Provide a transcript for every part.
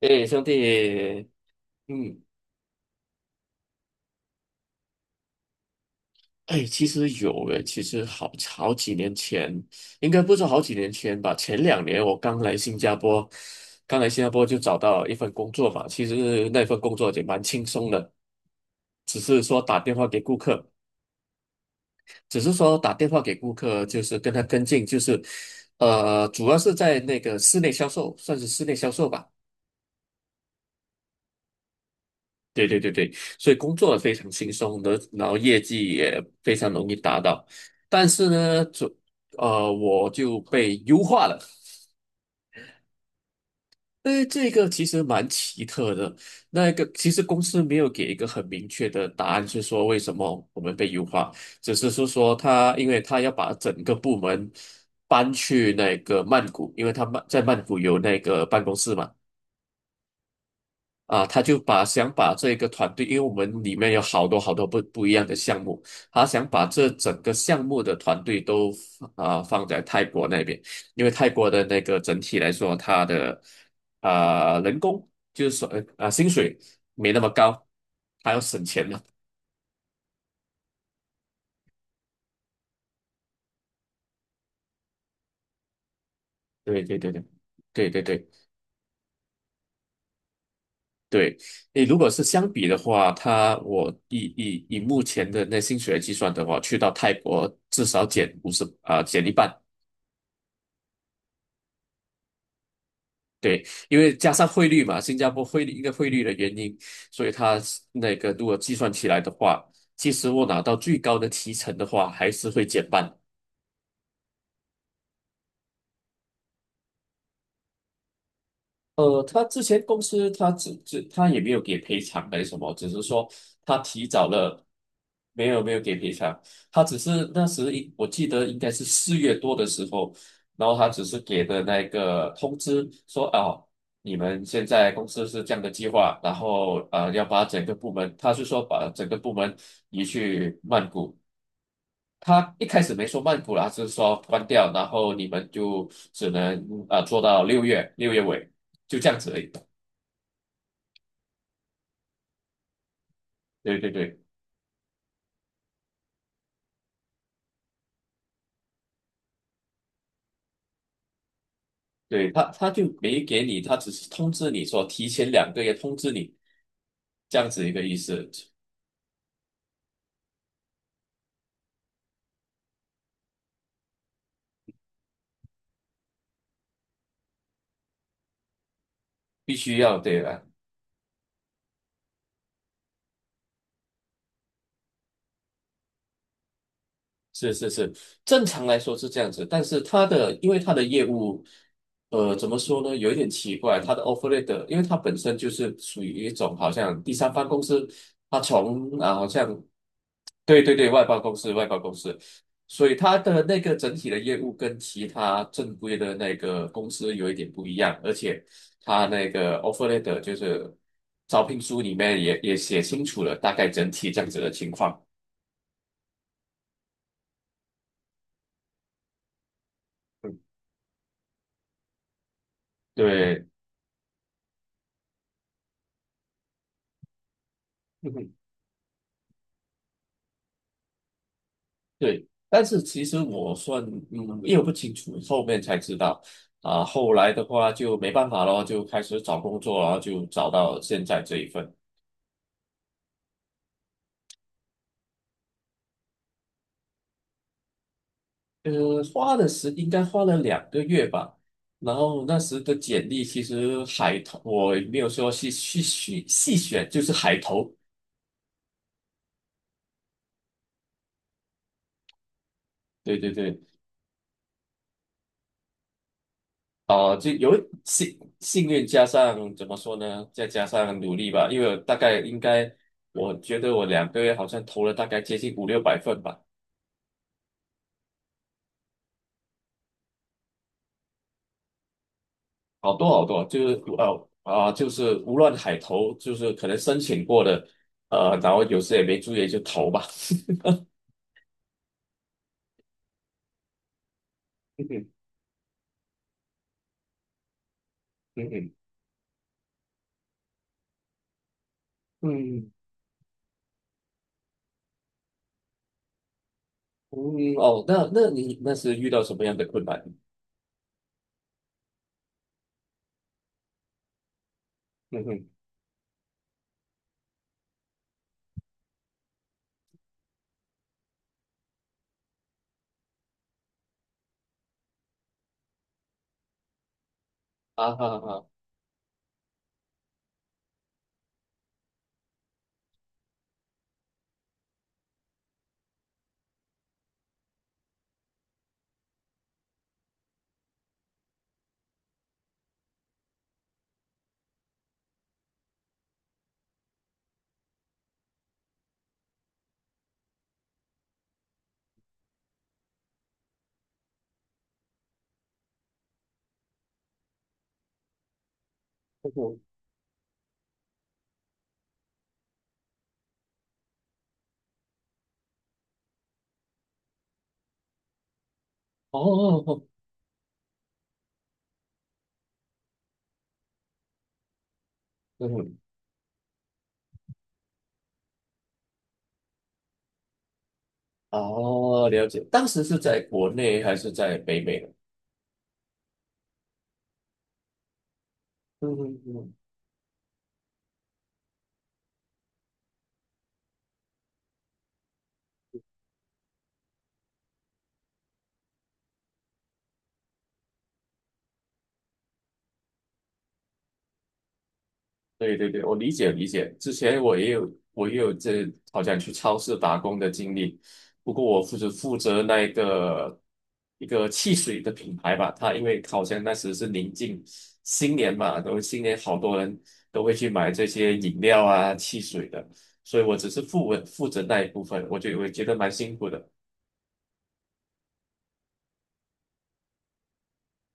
哎，兄弟。嗯，哎，其实有诶。其实好几年前，应该不是好几年前吧。前2年我刚来新加坡，刚来新加坡就找到一份工作嘛。其实那份工作也蛮轻松的，只是说打电话给顾客，只是说打电话给顾客，就是跟他跟进，就是，主要是在那个室内销售，算是室内销售吧。对对对对。所以工作非常轻松的，然后业绩也非常容易达到。但是呢，我就被优化了。哎，这个其实蛮奇特的。那个其实公司没有给一个很明确的答案，是说为什么我们被优化。只是是说他，因为他要把整个部门搬去那个曼谷，因为他在曼谷有那个办公室嘛。啊，他就想把这个团队，因为我们里面有好多好多不一样的项目，他想把这整个项目的团队都啊放在泰国那边。因为泰国的那个整体来说，它的啊人工就是说薪水没那么高，还要省钱嘛。对对对对对对对对。你如果是相比的话，我以目前的那薪水来计算的话，去到泰国至少减50啊减一半。对。因为加上汇率嘛，新加坡汇率一个汇率的原因，所以它是那个如果计算起来的话，其实我拿到最高的提成的话，还是会减半。他之前公司他只只他也没有给赔偿还是什么，只是说他提早了。没有没有给赔偿。他只是那时我记得应该是4月多的时候，然后他只是给的那个通知说啊，你们现在公司是这样的计划，然后要把整个部门，他是说把整个部门移去曼谷。他一开始没说曼谷啦，是说关掉，然后你们就只能做到六月尾，就这样子而已。对对对对。他就没给你，他只是通知你说提前两个月通知你，这样子一个意思。必须要对吧？是是是，正常来说是这样子。但是因为他的业务，怎么说呢，有一点奇怪。他的 offer letter，因为他本身就是属于一种好像第三方公司，他从啊好像，对对对。外包公司外包公司，所以他的那个整体的业务跟其他正规的那个公司有一点不一样，而且他那个 offer letter 就是招聘书里面也写清楚了大概整体这样子的情况。嗯，对。对，但是其实我算，因为我不清楚，后面才知道。啊，后来的话就没办法咯，就开始找工作，然后就找到现在这一份。花的时应该花了两个月吧。然后那时的简历其实海投，我也没有说细细选，就是海投。对对对。啊，就有幸运加上怎么说呢，再加上努力吧。因为我大概应该，我觉得我两个月好像投了大概接近五六百份吧。好多好多，就是就是无论海投，就是可能申请过的。然后有时也没注意就投吧。嗯哼。嗯哼。嗯。嗯。哦，那你是遇到什么样的困难？嗯哼。啊哈哈。嗯哼。哦哦哦。嗯哼。哦，了解。当时是在国内还是在北美呢？嗯。嗯。对对对。我理解理解。之前我也有好像去超市打工的经历。不过我负责那一个汽水的品牌吧。它因为好像那时是临近新年嘛，都新年好多人都会去买这些饮料啊、汽水的，所以我只是负责那一部分，我觉得蛮辛苦的。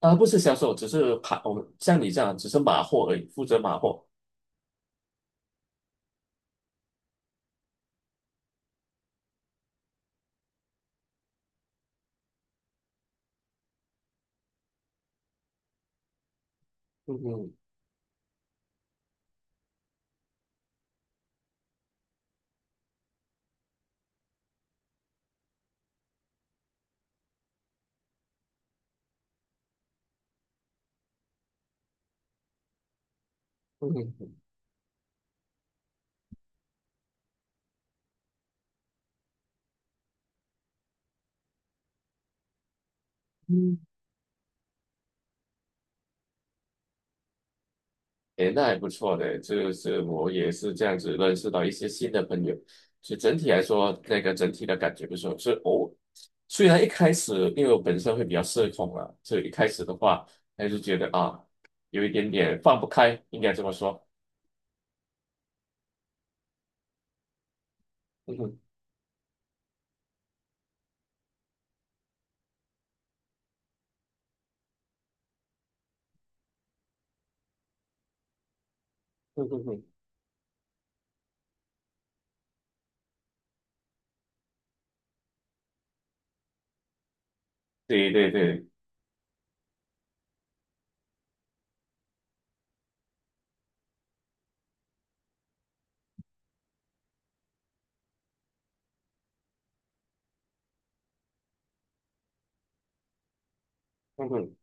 啊，不是销售，只是盘，我像你这样只是码货而已，负责码货。嗯嗯嗯嗯。诶，那还不错的。就是我也是这样子认识到一些新的朋友，所以整体来说，那个整体的感觉不错。是我虽然一开始因为我本身会比较社恐啊，所以一开始的话，还是觉得啊，有一点点放不开，应该这么说。嗯哼。嗯哼。嗯哼。对对对。嗯哼。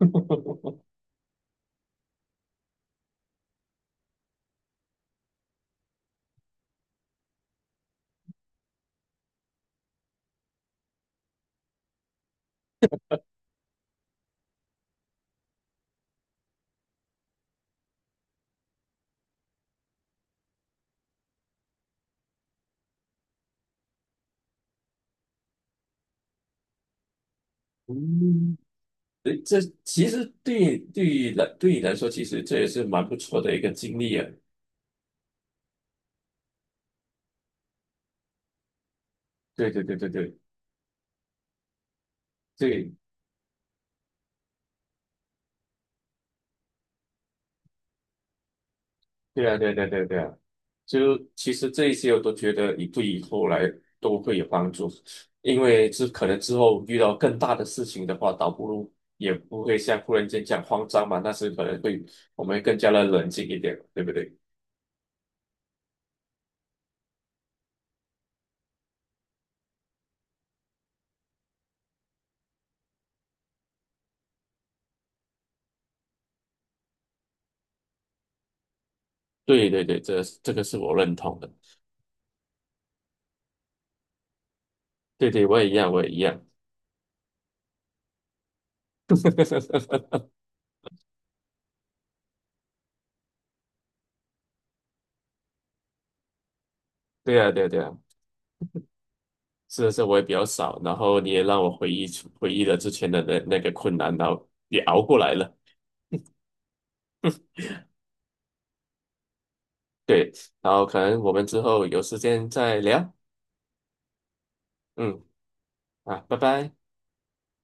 嗯。诶，这其实对对于来对你来说，其实这也是蛮不错的一个经历啊。对对对对对。对。对啊，对啊，对啊，对啊。对啊，就其实这一些我都觉得你对以后来都会有帮助。因为这可能之后遇到更大的事情的话，倒不如也不会像忽然间这样慌张嘛，那是可能会我们更加的冷静一点，对不对？对对对。这个是我认同的。对对，我也一样，我也一样。对啊，对啊，对啊，是的，我也比较少。然后你也让我回忆了之前的那个困难，然后也熬过来了。对，然后可能我们之后有时间再聊。嗯，啊，拜拜。